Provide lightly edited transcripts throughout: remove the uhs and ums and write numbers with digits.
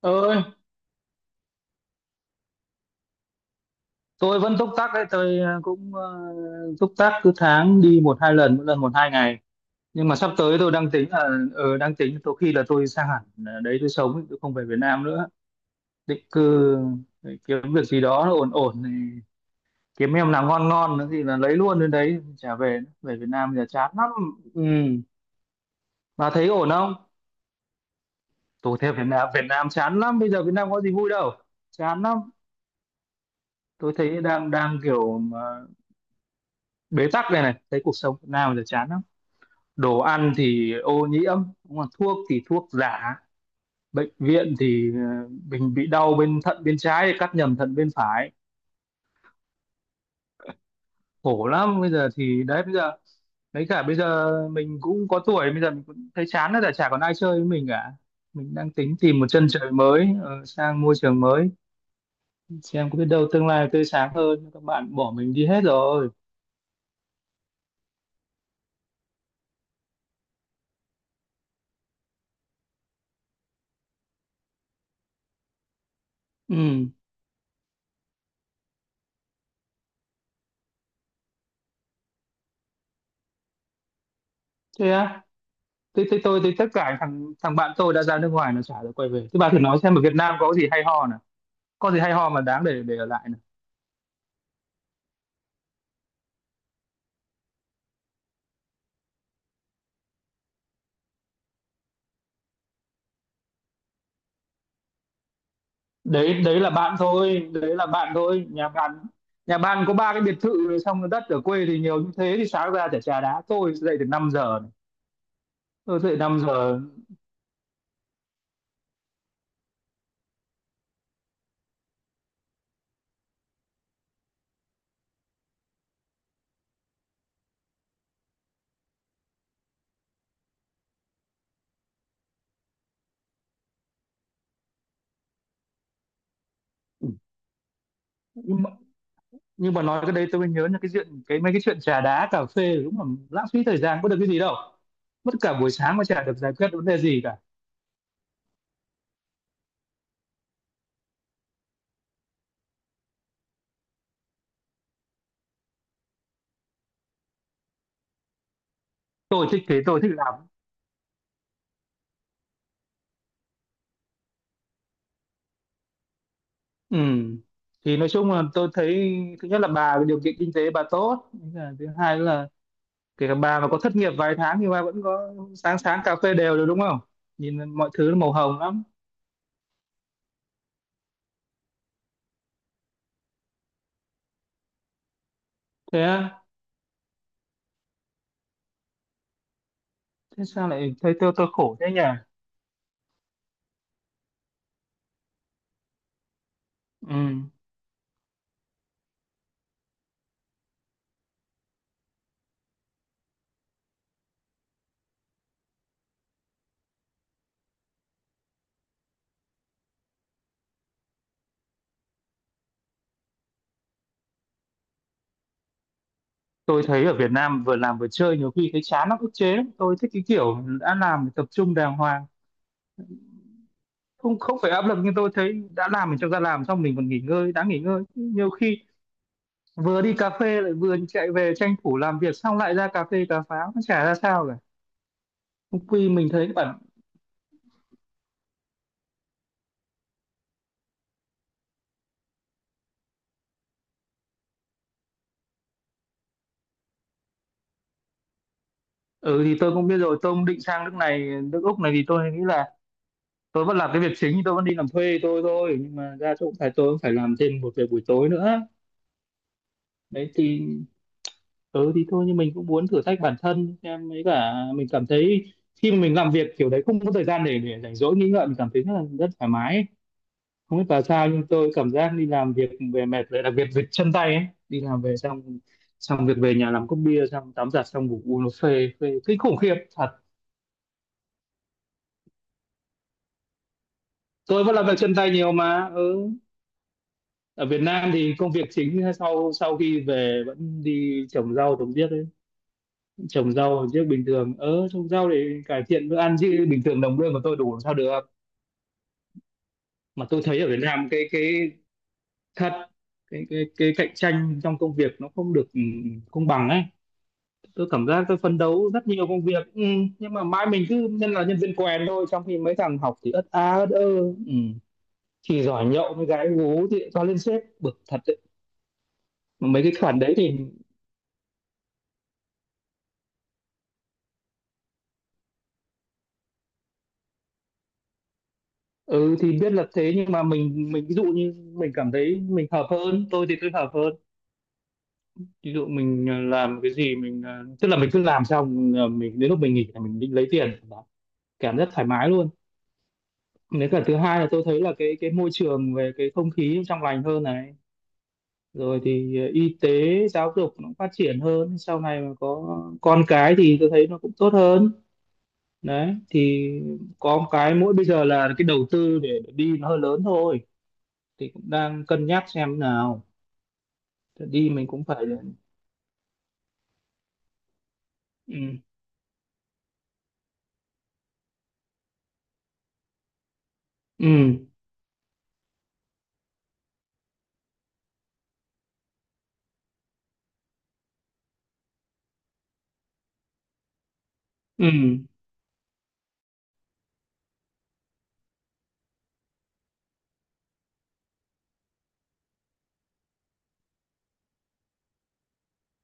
Ơi, tôi vẫn túc tắc đấy. Tôi cũng túc tắc cứ tháng đi một hai lần, mỗi lần một hai ngày. Nhưng mà sắp tới tôi đang tính là đang tính tôi khi là tôi sang hẳn, đấy tôi sống ấy, tôi không về Việt Nam nữa. Định cư để kiếm việc gì đó nó ổn ổn thì kiếm em nào ngon ngon nữa thì là lấy luôn, đến đấy trả về nữa. Về Việt Nam giờ chán lắm. Ừ. Bà thấy ổn không? Tôi thấy Việt Nam chán lắm, bây giờ Việt Nam có gì vui đâu. Chán lắm. Tôi thấy đang đang kiểu mà bế tắc này này, thấy cuộc sống Việt Nam giờ chán lắm. Đồ ăn thì ô nhiễm, đúng không? Thuốc thì thuốc giả. Bệnh viện thì mình bị đau bên thận bên trái thì cắt nhầm thận bên phải, khổ lắm. Bây giờ thì đấy, bây giờ đấy, cả bây giờ mình cũng có tuổi, bây giờ mình cũng thấy chán rồi, chả chả còn ai chơi với mình cả. Mình đang tính tìm một chân trời mới, sang môi trường mới, xem có biết đâu tương lai tươi sáng hơn, các bạn bỏ mình đi hết rồi. Ừ. Thế á? Thế tôi thì tất cả thằng thằng bạn tôi đã ra nước ngoài nó chả được quay về, thế bà thử nói xem ở Việt Nam có gì hay ho, có gì hay ho mà đáng để ở lại này. Đấy đấy là bạn thôi, đấy là bạn thôi. Nhà bạn có ba cái biệt thự rồi, xong rồi đất ở quê thì nhiều như thế thì sáng ra chả trà đá, tôi dậy từ 5 giờ này. Tôi dậy 5 giờ. Nhưng mà, nhưng mà nói cái đấy tôi mới nhớ là cái chuyện cái mấy cái chuyện trà đá cà phê đúng là lãng phí thời gian, có được cái gì đâu, mất cả buổi sáng mà chả được giải quyết vấn đề gì cả. Tôi thích thế, tôi thích làm. Ừ. Thì nói chung là tôi thấy thứ nhất là bà điều kiện kinh tế bà tốt. Thế là thứ hai là kể cả bà mà có thất nghiệp vài tháng thì bà vẫn có sáng sáng cà phê đều được, đúng không? Nhìn mọi thứ nó màu hồng lắm. Thế á? Thế sao lại thấy tôi khổ thế nhỉ? Ừ. Tôi thấy ở Việt Nam vừa làm vừa chơi nhiều khi thấy chán lắm, ức chế lắm. Tôi thích cái kiểu đã làm thì tập trung đàng hoàng. Không, không phải áp lực, nhưng tôi thấy đã làm mình cho ra làm, xong mình còn nghỉ ngơi. Đã nghỉ ngơi nhiều khi vừa đi cà phê lại vừa chạy về tranh thủ làm việc, xong lại ra cà phê cà pháo, nó chả ra sao cả. Không quy mình thấy cái bản. Ừ, thì tôi cũng biết rồi, tôi cũng định sang nước này, nước Úc này, thì tôi nghĩ là tôi vẫn làm cái việc chính, tôi vẫn đi làm thuê tôi thôi, nhưng mà ra chỗ phải tôi cũng phải làm thêm một việc buổi tối nữa. Đấy thì ừ thì thôi, nhưng mình cũng muốn thử thách bản thân em ấy, cả mình cảm thấy khi mà mình làm việc kiểu đấy không có thời gian để rảnh rỗi nghĩ ngợi, mình cảm thấy rất là rất thoải mái ấy. Không biết là sao, nhưng tôi cảm giác đi làm việc về mệt rồi, đặc biệt về chân tay ấy, đi làm về xong, xong việc về nhà làm cốc bia, xong tắm giặt xong ngủ, uống nó phê phê kinh khủng khiếp. Tôi vẫn làm việc chân tay nhiều mà. Ừ. Ở Việt Nam thì công việc chính sau sau khi về vẫn đi trồng rau trồng điếc ấy. Trồng rau trồng điếc bình thường, trồng rau để cải thiện bữa ăn, chứ bình thường đồng lương của tôi đủ làm sao được. Mà tôi thấy ở Việt Nam cái thật, cái cạnh tranh trong công việc nó không được, công bằng ấy. Tôi cảm giác tôi phấn đấu rất nhiều công việc, nhưng mà mãi mình cứ nhân viên quèn thôi, trong khi mấy thằng học thì ất a ất ơ. Ừ. Chỉ giỏi nhậu với gái gú thì cho lên sếp, bực thật. Mấy cái khoản đấy thì ừ, thì biết là thế, nhưng mà mình ví dụ như mình cảm thấy mình hợp hơn, tôi thì tôi hợp hơn. Ví dụ mình làm cái gì mình tức là mình cứ làm xong mình đến lúc mình nghỉ là mình đi lấy tiền, cảm giác thoải mái luôn. Nếu cả thứ hai là tôi thấy là cái môi trường về cái không khí trong lành hơn này. Rồi thì y tế, giáo dục nó cũng phát triển hơn, sau này mà có con cái thì tôi thấy nó cũng tốt hơn. Đấy, thì có một cái mỗi bây giờ là cái đầu tư để đi nó hơi lớn thôi, thì cũng đang cân nhắc xem nào. Thì đi mình cũng phải. Ừ. Ừ. Ừ.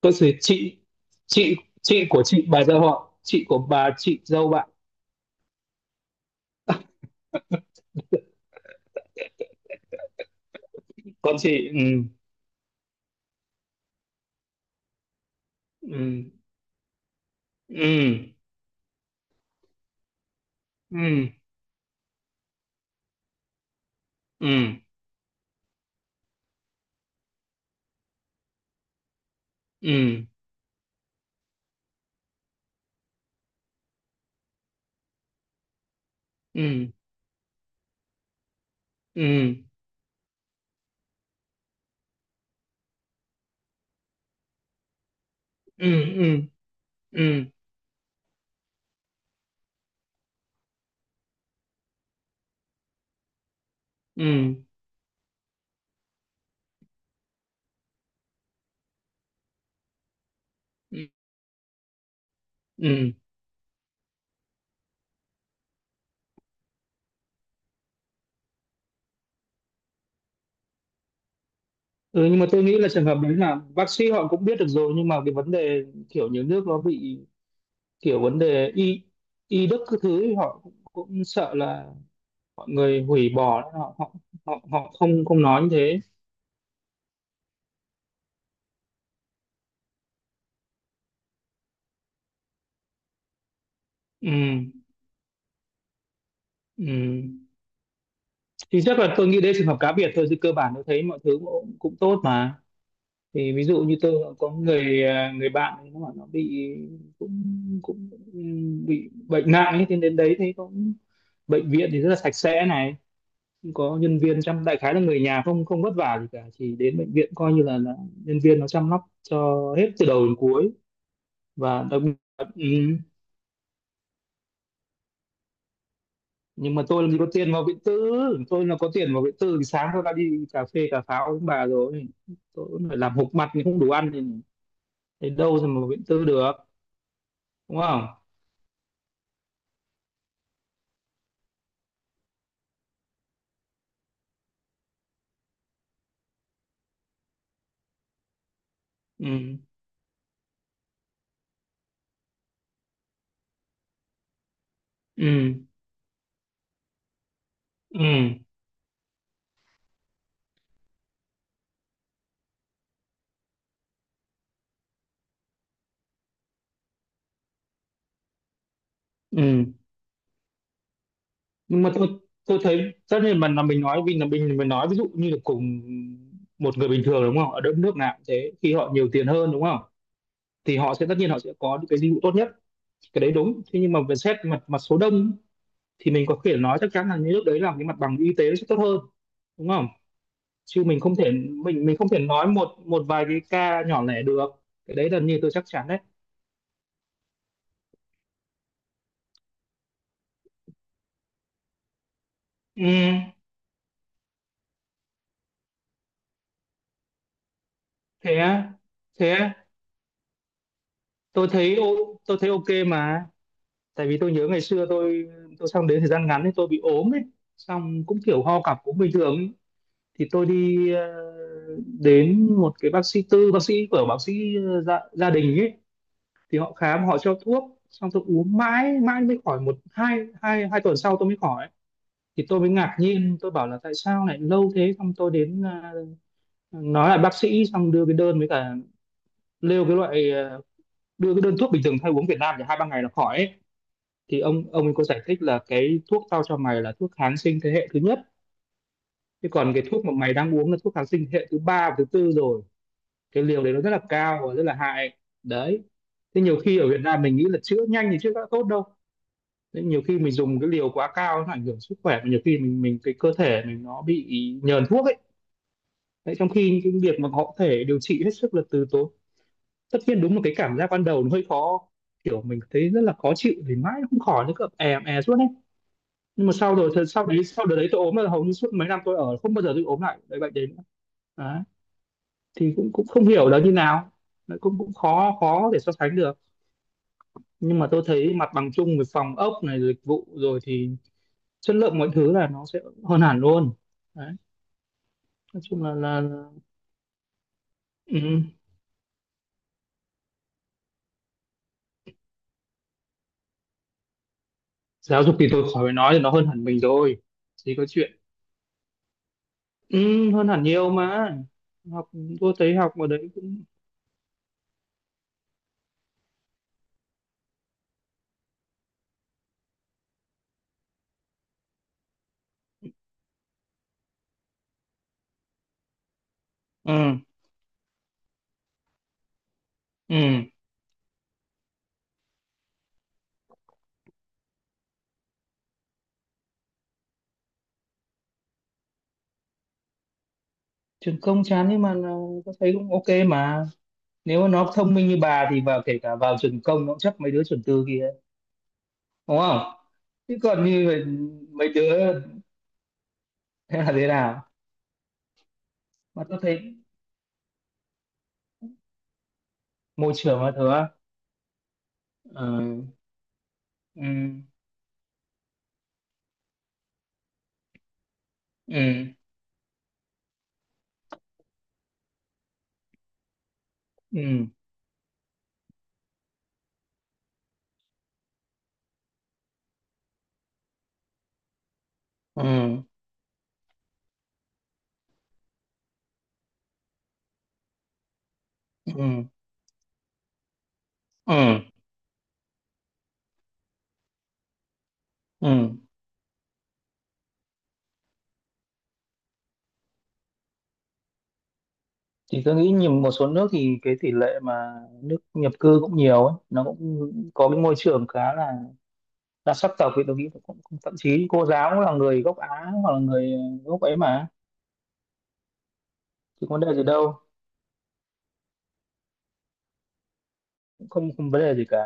Có sự chị. Chị chị của chị bà dâu họ, chị của bà chị dâu bạn? Con chị. Ừ. Ừ. Ừ. Ừ. Ừ. Ừ. Ừ. Ừ. Ừ. Ừ. Ừ. Ừ. Ừ. Ừ, nhưng mà tôi nghĩ là trường hợp đấy là bác sĩ họ cũng biết được rồi, nhưng mà cái vấn đề kiểu nhiều nước nó bị kiểu vấn đề y y đức các thứ ấy, họ cũng sợ là mọi người hủy bỏ họ, họ không không nói như thế. Ừ. Ừ. Thì chắc là tôi nghĩ đấy trường hợp cá biệt thôi, chứ cơ bản tôi thấy mọi thứ cũng tốt mà. Thì ví dụ như tôi có người bạn ấy, nó bảo nó bị, cũng cũng bị bệnh nặng ấy, thì đến đấy thấy cũng, bệnh viện thì rất là sạch sẽ này, không có nhân viên chăm, đại khái là người nhà không không vất vả gì cả, chỉ đến bệnh viện coi như là nhân viên nó chăm sóc cho hết từ đầu đến cuối, và đặc biệt. Ừ, nhưng mà tôi làm gì có tiền vào Vĩnh Tư, tôi là có tiền vào Vĩnh Tư thì sáng tôi đã đi cà phê cà pháo với bà rồi. Tôi cũng phải làm hộp mặt thì không đủ ăn, thì đến đâu rồi mà vào Vĩnh Tư được, đúng không? Ừ. Ừ. Ừ. Ừ, nhưng mà tôi thấy tất nhiên mà là mình nói, vì là mình nói ví dụ như là cùng một người bình thường đúng không, ở đất nước nào cũng thế khi họ nhiều tiền hơn đúng không, thì họ sẽ tất nhiên họ sẽ có những cái dịch vụ tốt nhất. Cái đấy đúng thế, nhưng mà về xét mặt mặt số đông thì mình có thể nói chắc chắn là những nước đấy làm cái mặt bằng y tế nó sẽ tốt hơn, đúng không, chứ mình không thể nói một một vài cái ca nhỏ lẻ được, cái đấy là như tôi chắc chắn đấy. Ừ. Thế á? Thế á. Tôi thấy ok mà. Tại vì tôi nhớ ngày xưa tôi sang đến thời gian ngắn thì tôi bị ốm ấy, xong cũng kiểu ho cặp cũng bình thường ấy. Thì tôi đi đến một cái bác sĩ tư, bác sĩ của bác sĩ gia đình ấy, thì họ khám họ cho thuốc, xong tôi uống mãi mãi mới khỏi, một hai hai hai tuần sau tôi mới khỏi, thì tôi mới ngạc nhiên tôi bảo là tại sao lại lâu thế, xong tôi nói lại bác sĩ, xong đưa cái đơn với cả lêu cái loại à, đưa cái đơn thuốc bình thường hay uống Việt Nam thì hai ba ngày là khỏi ấy. Thì ông ấy có giải thích là cái thuốc tao cho mày là thuốc kháng sinh thế hệ thứ nhất, chứ còn cái thuốc mà mày đang uống là thuốc kháng sinh thế hệ thứ ba và thứ tư rồi. Cái liều đấy nó rất là cao và rất là hại đấy. Thế nhiều khi ở Việt Nam mình nghĩ là chữa nhanh thì chữa đã tốt đâu. Thế nhiều khi mình dùng cái liều quá cao nó ảnh hưởng sức khỏe, mà nhiều khi mình cái cơ thể mình nó bị nhờn thuốc ấy. Đấy, trong khi cái việc mà họ có thể điều trị hết sức là từ tốn. Tất nhiên đúng là cái cảm giác ban đầu nó hơi khó, kiểu mình thấy rất là khó chịu thì mãi nó không khỏi, nó cứ è è suốt ấy. Nhưng mà sau rồi sau đấy, sau đợt đấy tôi ốm là hầu như suốt mấy năm tôi ở không bao giờ tôi ốm lại cái bệnh đến đấy, thì cũng cũng không hiểu là như nào. Đấy, cũng cũng khó khó để so sánh được, nhưng mà tôi thấy mặt bằng chung về phòng ốc này, dịch vụ rồi thì chất lượng mọi thứ là nó sẽ hơn hẳn luôn đấy. Nói chung ừ. Giáo dục thì tôi khỏi phải nói, thì nó hơn hẳn mình rồi, chỉ có chuyện. Ừ, hơn hẳn nhiều mà. Học, tôi thấy học ở đấy cũng ừ, ừ. Trường công chán, nhưng mà tôi thấy cũng ok mà. Nếu mà nó thông minh như bà thì vào, kể cả vào trường công nó cũng chấp mấy đứa trường tư kia, đúng không? Chứ còn như vậy, mấy đứa, thế là thế nào? Mà tôi thấy môi trường là thứ, ừ, ừ, ừ, ừ, ừ, ừ, ừ, ừ. Thì tôi nghĩ nhìn một số nước thì cái tỷ lệ mà nước nhập cư cũng nhiều ấy, nó cũng có cái môi trường khá là đa sắc tộc, thì tôi nghĩ cũng, cũng thậm chí cô giáo cũng là người gốc Á, hoặc là người gốc ấy mà, chứ có vấn đề gì đâu, cũng không không vấn đề gì cả.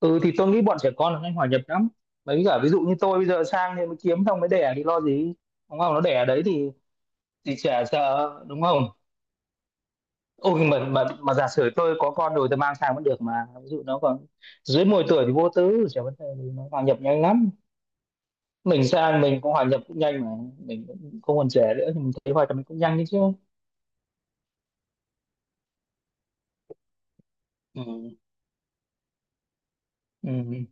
Ừ, thì tôi nghĩ bọn trẻ con là nhanh hòa nhập lắm, mấy cả ví dụ như tôi bây giờ sang thì mới kiếm xong mới đẻ thì lo gì, đúng không, nó đẻ ở đấy thì trẻ sợ đúng không. Ôi, mà giả sử tôi có con rồi tôi mang sang vẫn được mà, ví dụ nó còn dưới 10 tuổi thì vô tư chả vấn đề gì, nó hòa nhập nhanh lắm. Mình sang mình cũng hòa nhập cũng nhanh mà, mình cũng không còn trẻ nữa thì mình thấy hòa nhập mình cũng nhanh đấy chứ. Ừ, ừ,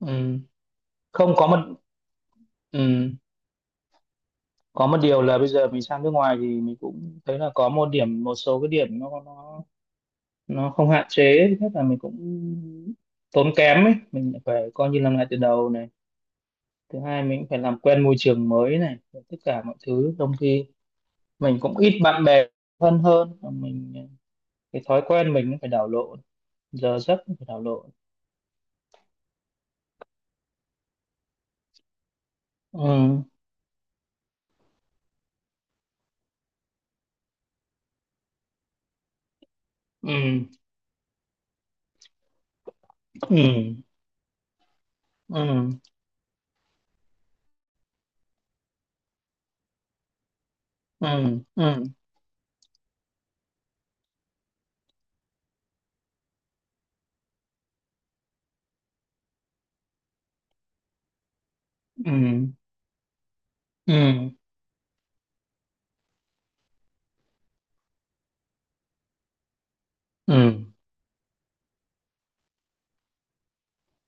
ừ. Không có một ừ. Có một điều là bây giờ mình sang nước ngoài thì mình cũng thấy là có một điểm, một số cái điểm nó không hạn chế. Thứ nhất là mình cũng tốn kém ấy, mình phải coi như làm lại từ đầu này. Thứ hai mình cũng phải làm quen môi trường mới này, rồi tất cả mọi thứ, trong khi mình cũng ít bạn bè thân hơn, và mình cái thói quen mình cũng phải đảo lộn, giờ giấc cũng phải đảo lộn. Ừ, ừ, ừ, ừ, ừ, ừ, ừ, ừ, ừ.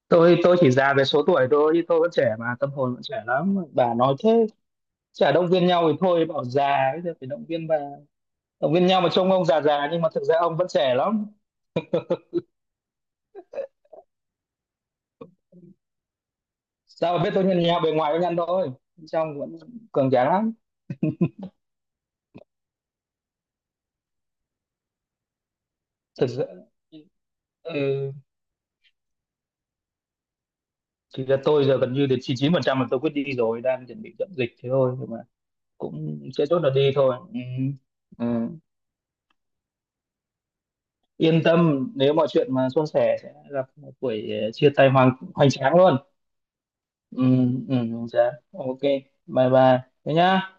Tôi chỉ già về số tuổi thôi, chứ tôi vẫn trẻ mà, tâm hồn vẫn trẻ lắm, bà nói thế, chả động viên nhau thì thôi bảo già, bây giờ phải động viên bà, động viên nhau mà, trông ông già già nhưng mà thực ra ông vẫn trẻ lắm. Sao mà biết, tôi nhìn nhau bề ngoài tôi nhăn thôi, bên trong vẫn cường tráng lắm. Thực sự. Ừ, thì là tôi giờ gần như đến 99% là tôi quyết đi rồi, đang chuẩn bị dọn dịch thế thôi, nhưng mà cũng sẽ chốt là đi thôi. Ừ. Ừ. Yên tâm, nếu mọi chuyện mà suôn sẻ sẽ gặp một buổi chia tay hoành hoành tráng luôn. Ừ, ừ, hoành tráng. Ok, bye bye, thế nhá.